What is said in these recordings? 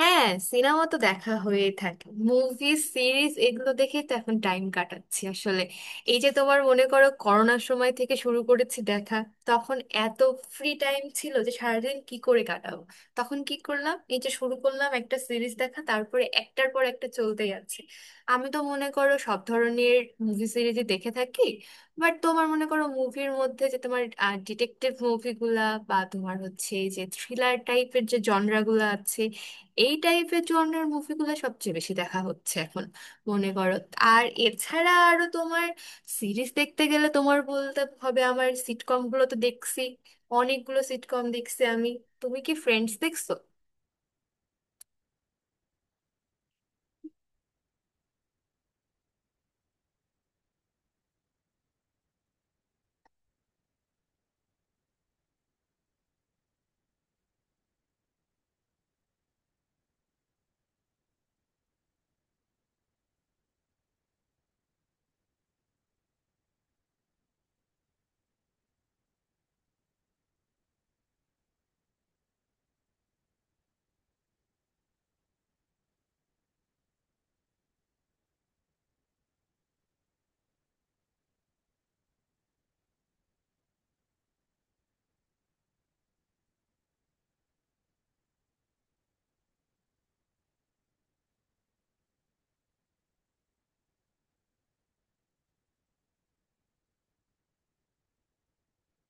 হ্যাঁ, সিনেমা তো দেখা হয়েই থাকে। মুভি, সিরিজ এগুলো দেখেই তো এখন টাইম কাটাচ্ছি আসলে। এই যে তোমার মনে করো, করোনার সময় থেকে শুরু করেছি দেখা। তখন এত ফ্রি টাইম ছিল যে সারাদিন কি করে কাটাবো। তখন কি করলাম, এই যে শুরু করলাম একটা সিরিজ দেখা, তারপরে একটার পর একটা চলতেই আছে। আমি তো মনে করো সব ধরনের মুভি সিরিজই দেখে থাকি। বাট তোমার মনে করো মুভির মধ্যে যে তোমার ডিটেকটিভ মুভিগুলা বা তোমার হচ্ছে এই যে থ্রিলার টাইপের যে জনরাগুলো আছে, এই টাইপের জনরার মুভিগুলো সবচেয়ে বেশি দেখা হচ্ছে এখন মনে করো। আর এছাড়া আরো তোমার সিরিজ দেখতে গেলে তোমার বলতে হবে, আমার সিটকমগুলো তো দেখছি। অনেকগুলো সিটকম দেখছি আমি। তুমি কি ফ্রেন্ডস দেখছো?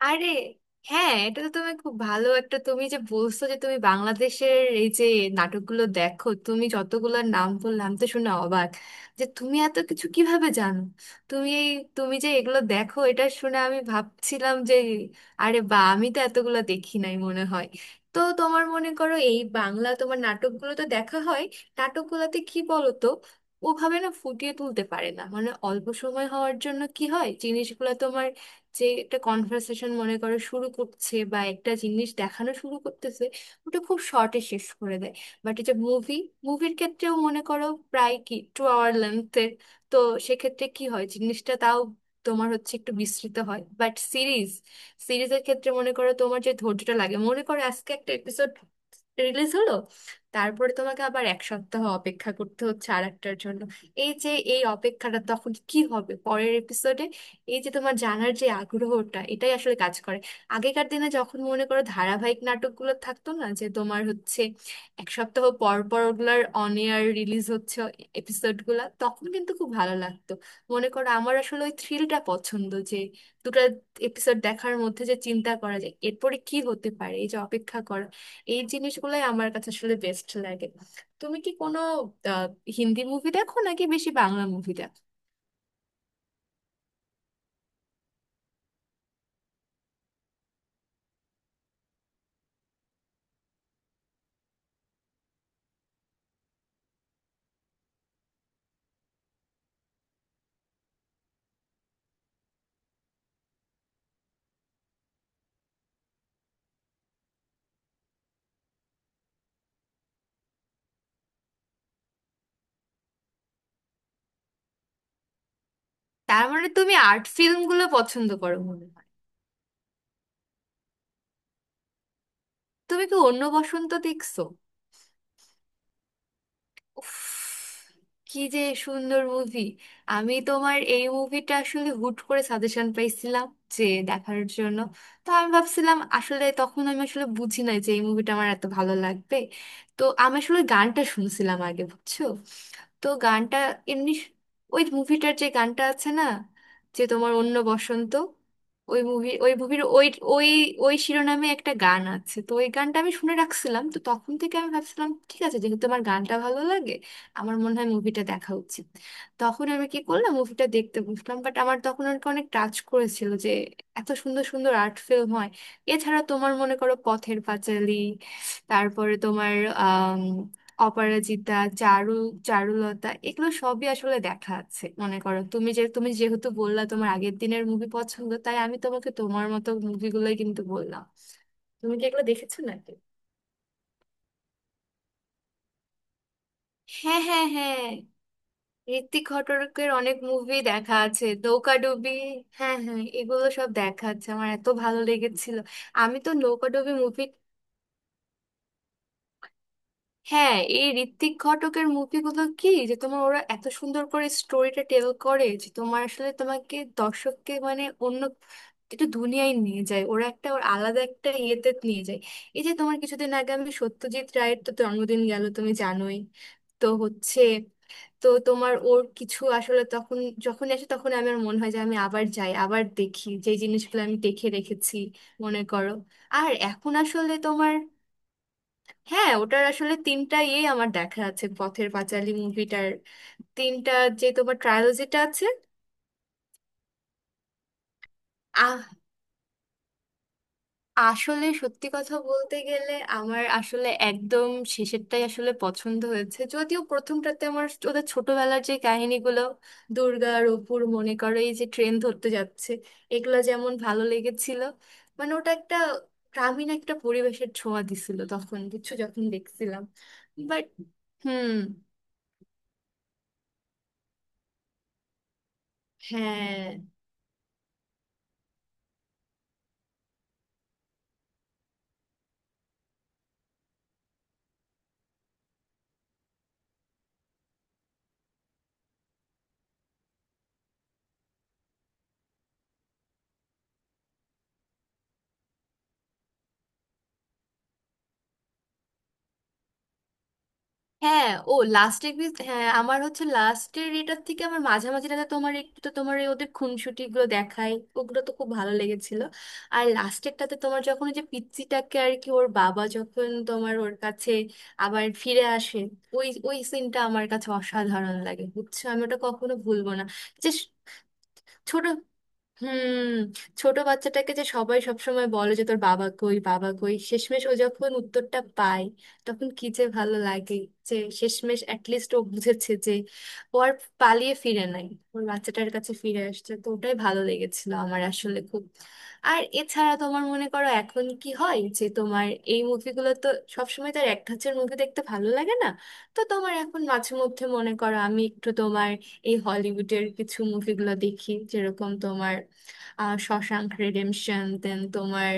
আরে হ্যাঁ, এটা তো তুমি খুব ভালো একটা, তুমি যে বলছো যে তুমি বাংলাদেশের এই যে নাটকগুলো দেখো, তুমি যতগুলোর নাম বললাম আমি তো শুনে অবাক যে তুমি এত কিছু কিভাবে জানো। তুমি এই, তুমি যে এগুলো দেখো এটা শুনে আমি ভাবছিলাম যে আরে বা, আমি তো এতগুলো দেখি নাই মনে হয়। তো তোমার মনে করো এই বাংলা তোমার নাটকগুলো তো দেখা হয়, নাটকগুলোতে কি বলো তো, ওভাবে না ফুটিয়ে তুলতে পারে না মানে অল্প সময় হওয়ার জন্য। কি হয় জিনিসগুলো যে একটা কনভারসেশন মনে করো শুরু করছে বা একটা জিনিস দেখানো শুরু করতেছে, ওটা খুব শর্টে শেষ করে দেয়। বাট এই যে মুভি, মুভির ক্ষেত্রেও মনে করো প্রায় কি টু আওয়ার লেন্থের, তো সেক্ষেত্রে কি হয় জিনিসটা তাও তোমার হচ্ছে একটু বিস্তৃত হয়। বাট সিরিজ, সিরিজের ক্ষেত্রে মনে করো তোমার যে ধৈর্যটা লাগে, মনে করো আজকে একটা এপিসোড রিলিজ হলো, তারপরে তোমাকে আবার এক সপ্তাহ অপেক্ষা করতে হচ্ছে আর একটার জন্য। এই যে এই অপেক্ষাটা, তখন কি হবে পরের এপিসোডে, এই যে তোমার জানার যে আগ্রহটা, এটাই আসলে কাজ করে। আগেকার দিনে যখন মনে করো ধারাবাহিক নাটকগুলো থাকতো না, যে তোমার হচ্ছে এক সপ্তাহ পর পর ওগুলার অন এয়ার রিলিজ হচ্ছে এপিসোডগুলা, তখন কিন্তু খুব ভালো লাগতো। মনে করো আমার আসলে ওই থ্রিলটা পছন্দ যে দুটো এপিসোড দেখার মধ্যে যে চিন্তা করা যায় এরপরে কি হতে পারে, এই যে অপেক্ষা করা, এই জিনিসগুলোই আমার কাছে আসলে বেস্ট লাগে। তুমি কি কোনো আহ, হিন্দি মুভি দেখো নাকি বেশি বাংলা মুভি দেখো? তার মানে তুমি আর্ট ফিল্মগুলো পছন্দ করো মনে হয়। তুমি কি অন্য বসন্ত দেখছো? উফ, কি যে সুন্দর মুভি। আমি তোমার এই মুভিটা আসলে হুট করে সাজেশন পাইছিলাম যে দেখার জন্য। তো আমি ভাবছিলাম আসলে, তখন আমি আসলে বুঝি নাই যে এই মুভিটা আমার এত ভালো লাগবে। তো আমি আসলে গানটা শুনছিলাম আগে, বুঝছো? তো গানটা এমনি ওই মুভিটার যে গানটা আছে না, যে তোমার অন্য বসন্ত, ওই মুভি ওই মুভির ওই ওই ওই শিরোনামে একটা গান আছে, তো ওই গানটা আমি শুনে রাখছিলাম। তো তখন থেকে আমি ভাবছিলাম ঠিক আছে, যেহেতু আমার গানটা ভালো লাগে আমার মনে হয় মুভিটা দেখা উচিত। তখন আমি কি করলাম, মুভিটা দেখতে বসলাম, বাট আমার তখন আর কি অনেক টাচ করেছিল যে এত সুন্দর সুন্দর আর্ট ফিল্ম হয়। এছাড়া তোমার মনে করো পথের পাঁচালী, তারপরে তোমার অপরাজিতা, চারু চারুলতা, এগুলো সবই আসলে দেখা আছে মনে করো। তুমি যে, তুমি যেহেতু বললা তোমার আগের দিনের মুভি পছন্দ, তাই আমি তোমাকে তোমার মতো মুভিগুলোই কিন্তু বললাম। তুমি কি এগুলো দেখেছো নাকি? হ্যাঁ হ্যাঁ হ্যাঁ, ঋত্বিক ঘটকের অনেক মুভি দেখা আছে, নৌকাডুবি, হ্যাঁ হ্যাঁ, এগুলো সব দেখা আছে আমার, এত ভালো লেগেছিল। আমি তো নৌকাডুবি মুভি, হ্যাঁ, এই ঋত্বিক ঘটকের মুভিগুলো কি যে, তোমার ওরা এত সুন্দর করে স্টোরিটা টেল করে যে তোমার আসলে তোমাকে, দর্শককে, মানে অন্য একটা দুনিয়ায় নিয়ে যায় ওরা, একটা ওর আলাদা একটা ইয়েতে নিয়ে যায়। এই যে তোমার কিছুদিন আগে আমি, সত্যজিৎ রায়ের তো জন্মদিন গেল, তুমি জানোই। তো হচ্ছে, তো তোমার ওর কিছু আসলে তখন, যখন আসে তখন আমার মনে হয় যে আমি আবার যাই আবার দেখি যে জিনিসগুলো আমি দেখে রেখেছি মনে করো। আর এখন আসলে তোমার, হ্যাঁ ওটার আসলে তিনটা ইয়ে আমার দেখা আছে, পথের পাঁচালী মুভিটার তিনটা, যে তোমার ট্রায়োলজিটা আছে। আহ আসলে সত্যি কথা বলতে গেলে আমার আসলে একদম শেষেরটাই আসলে পছন্দ হয়েছে, যদিও প্রথমটাতে আমার ওদের ছোটবেলার যে কাহিনীগুলো, দুর্গা আর অপুর মনে করো এই যে ট্রেন ধরতে যাচ্ছে, এগুলো যেমন ভালো লেগেছিল। মানে ওটা একটা গ্রামীণ একটা পরিবেশের ছোঁয়া দিছিল তখন, কিছু যখন দেখছিলাম। বাট, হুম, হ্যাঁ হ্যাঁ, ও লাস্ট এর, হ্যাঁ আমার হচ্ছে লাস্টের এটার থেকে আমার মাঝামাঝিটাতে তোমার একটু, তো তোমার এই ওদের খুনসুটি গুলো দেখায় ওগুলো তো খুব ভালো লেগেছিল। আর লাস্টেরটাতে তোমার যখন ওই যে পিচ্চিটাকে আর কি, ওর বাবা যখন তোমার ওর কাছে আবার ফিরে আসে, ওই ওই সিনটা আমার কাছে অসাধারণ লাগে, বুঝছো, আমি ওটা কখনো ভুলবো না। যে ছোট, হুম, ছোট বাচ্চাটাকে যে সবাই সবসময় বলে যে তোর বাবা কই বাবা কই, শেষমেশ ও যখন উত্তরটা পায় তখন কি যে ভালো লাগে। যে শেষমেশ অ্যাটলিস্ট ও বুঝেছে যে ও আর পালিয়ে ফিরে নাই, ওর বাচ্চাটার কাছে ফিরে আসছে, তো ওটাই ভালো লেগেছিল আমার আসলে খুব। আর এছাড়া তোমার মনে করো এখন কি হয় যে তোমার এই মুভিগুলো তো, সবসময় তার এক ধাঁচের মুভি দেখতে ভালো লাগে না। তো তোমার এখন মাঝে মধ্যে মনে করো আমি একটু তোমার এই হলিউডের কিছু মুভিগুলো দেখি, যেরকম তোমার শশাঙ্ক রিডেমশন, দেন তোমার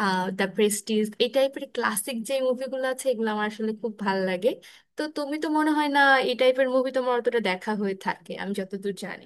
দ্য প্রেস্টিজ, এই টাইপের ক্লাসিক যে মুভিগুলো আছে এগুলো আমার আসলে খুব ভাল লাগে। তো তুমি তো মনে হয় না এই টাইপের মুভি তোমার অতটা দেখা হয়ে থাকে আমি যতদূর জানি।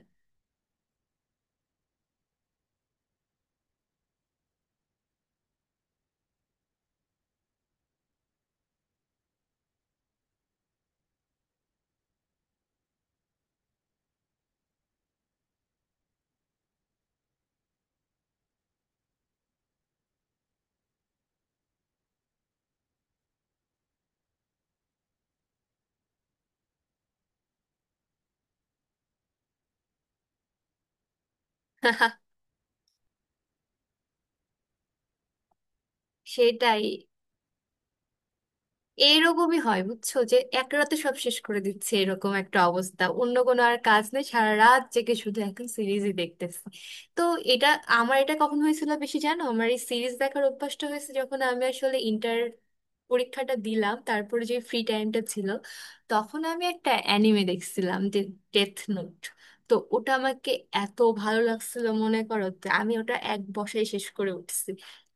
সেটাই, এইরকমই হয় বুঝছো, যে এক রাতে সব শেষ করে দিচ্ছে, এরকম একটা অবস্থা, অন্য কোনো আর কাজ নেই, সারা রাত জেগে শুধু এখন সিরিজই দেখতেছি। তো এটা, আমার এটা কখন হয়েছিল বেশি জানো, আমার এই সিরিজ দেখার অভ্যাসটা হয়েছে যখন আমি আসলে ইন্টার পরীক্ষাটা দিলাম, তারপরে যে ফ্রি টাইমটা ছিল তখন আমি একটা অ্যানিমে দেখছিলাম যে ডেথ নোট। তো ওটা আমাকে এত ভালো লাগছিল মনে করো, যে আমি ওটা এক বসায় শেষ করে উঠছি।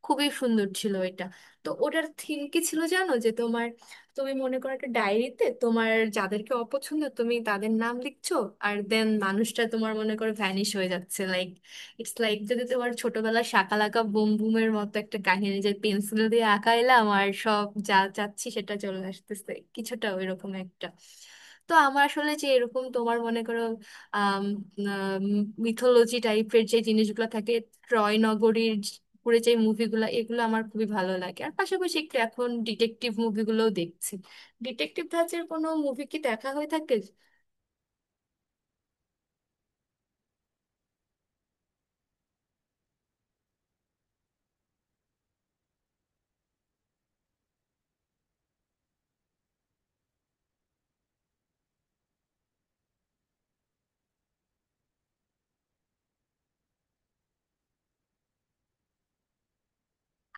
খুবই সুন্দর ছিল এটা। তো ওটার থিম কি ছিল জানো, যে তোমার তুমি মনে করো একটা ডায়েরিতে তোমার যাদেরকে অপছন্দ তুমি তাদের নাম লিখছো, আর দেন মানুষটা তোমার মনে করো ভ্যানিশ হয়ে যাচ্ছে, লাইক ইটস লাইক যদি তোমার ছোটবেলার শাকালাকা বুম বুমের মতো একটা কাহিনী যে পেন্সিল দিয়ে আঁকাইলাম আর সব যা চাচ্ছি সেটা চলে আসতেছে, কিছুটা ওইরকম একটা। তো আমার আসলে যে এরকম তোমার মনে করো আহ মিথোলজি টাইপের যে জিনিসগুলো থাকে, ট্রয় নগরীর উপরে যে মুভিগুলো, এগুলো আমার খুবই ভালো লাগে। আর পাশাপাশি একটু এখন ডিটেকটিভ মুভিগুলোও দেখছি। ডিটেকটিভ ধাঁচের কোনো মুভি কি দেখা হয়ে থাকে?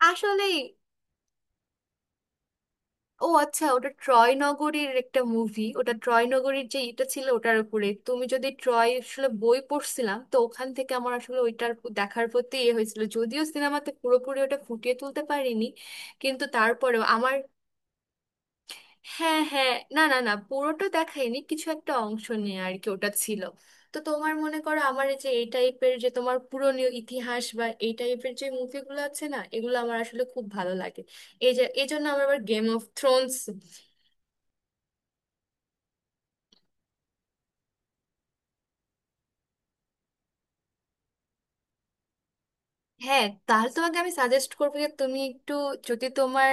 আসলে, ও আচ্ছা, ওটা ট্রয় নগরীর একটা মুভি, ওটা ট্রয় নগরীর যে এটা ছিল ওটার উপরে। তুমি যদি ট্রয় আসলে, বই পড়ছিলাম তো ওখান থেকে আমার আসলে ওইটার দেখার প্রতি ইয়ে হয়েছিল, যদিও সিনেমাতে পুরোপুরি ওটা ফুটিয়ে তুলতে পারিনি। কিন্তু তারপরেও আমার, হ্যাঁ হ্যাঁ, না না না, পুরোটা দেখাইনি, কিছু একটা অংশ নিয়ে আর কি ওটা ছিল। তো তোমার মনে করো আমার এই যে এই টাইপের যে তোমার পুরনো ইতিহাস বা এই টাইপের যে মুভিগুলো আছে না, এগুলো আমার আসলে খুব ভালো লাগে। এই যে এই জন্য আমার আবার গেম অফ থ্রোনস, হ্যাঁ তাহলে তোমাকে আমি সাজেস্ট করবো যে তুমি একটু, যদি তোমার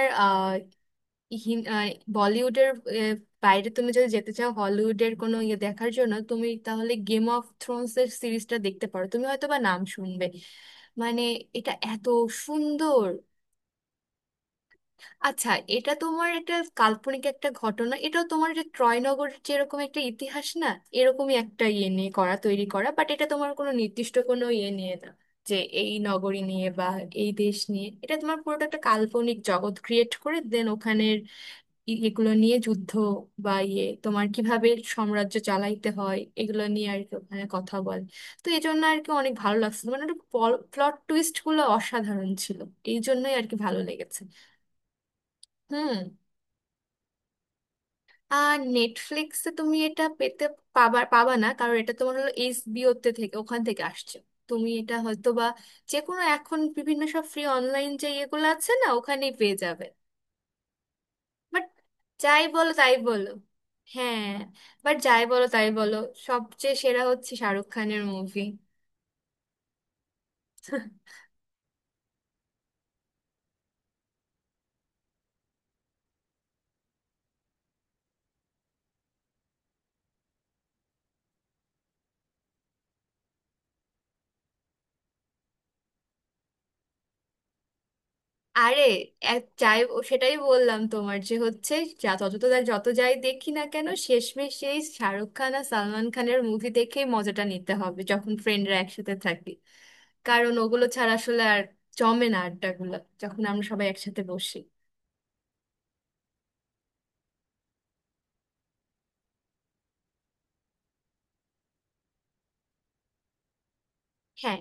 হিন- আহ, বলিউডের আহ, বাইরে তুমি যদি যেতে চাও হলিউডের কোনো ইয়ে দেখার জন্য, তুমি তাহলে গেম অফ থ্রোনস এর সিরিজটা দেখতে পারো, তুমি হয়তো বা নাম শুনবে। মানে এটা এত সুন্দর। আচ্ছা, এটা তোমার একটা কাল্পনিক একটা ঘটনা, এটাও তোমার যে ট্রয়নগরের যেরকম একটা ইতিহাস না, এরকমই একটা ইয়ে নিয়ে করা, তৈরি করা। বাট এটা তোমার কোনো নির্দিষ্ট কোনো ইয়ে নিয়ে না, যে এই নগরী নিয়ে বা এই দেশ নিয়ে, এটা তোমার পুরোটা একটা কাল্পনিক জগৎ ক্রিয়েট করে, দেন ওখানে এগুলো নিয়ে যুদ্ধ বা ইয়ে, তোমার কিভাবে সাম্রাজ্য চালাইতে হয় এগুলো নিয়ে আর কি ওখানে কথা বলে। তো এই জন্য আর কি অনেক ভালো লাগছিল, মানে একটু প্লট টুইস্ট গুলো অসাধারণ ছিল, এই জন্যই আর কি ভালো লেগেছে। হুম, আর নেটফ্লিক্সে তুমি এটা পেতে, পাবা পাবা না, কারণ এটা তোমার হলো এইচবিও তে, থেকে ওখান থেকে আসছে। তুমি এটা হয়তো বা যে কোনো এখন বিভিন্ন সব ফ্রি অনলাইন যে ইয়েগুলো আছে না, ওখানেই পেয়ে যাবে। বাট যাই বলো তাই বলো, হ্যাঁ, বাট যাই বলো তাই বলো, সবচেয়ে সেরা হচ্ছে শাহরুখ খানের মুভি। আরে, এক যাই সেটাই বললাম তোমার, যে হচ্ছে যা যত যত যত যাই দেখি না কেন, শেষমেশ সেই শাহরুখ খান আর সালমান খানের মুভি দেখেই মজাটা নিতে হবে যখন ফ্রেন্ডরা একসাথে থাকি, কারণ ওগুলো ছাড়া আসলে আর জমে না আড্ডাগুলো যখন আমরা সবাই একসাথে বসি। হ্যাঁ।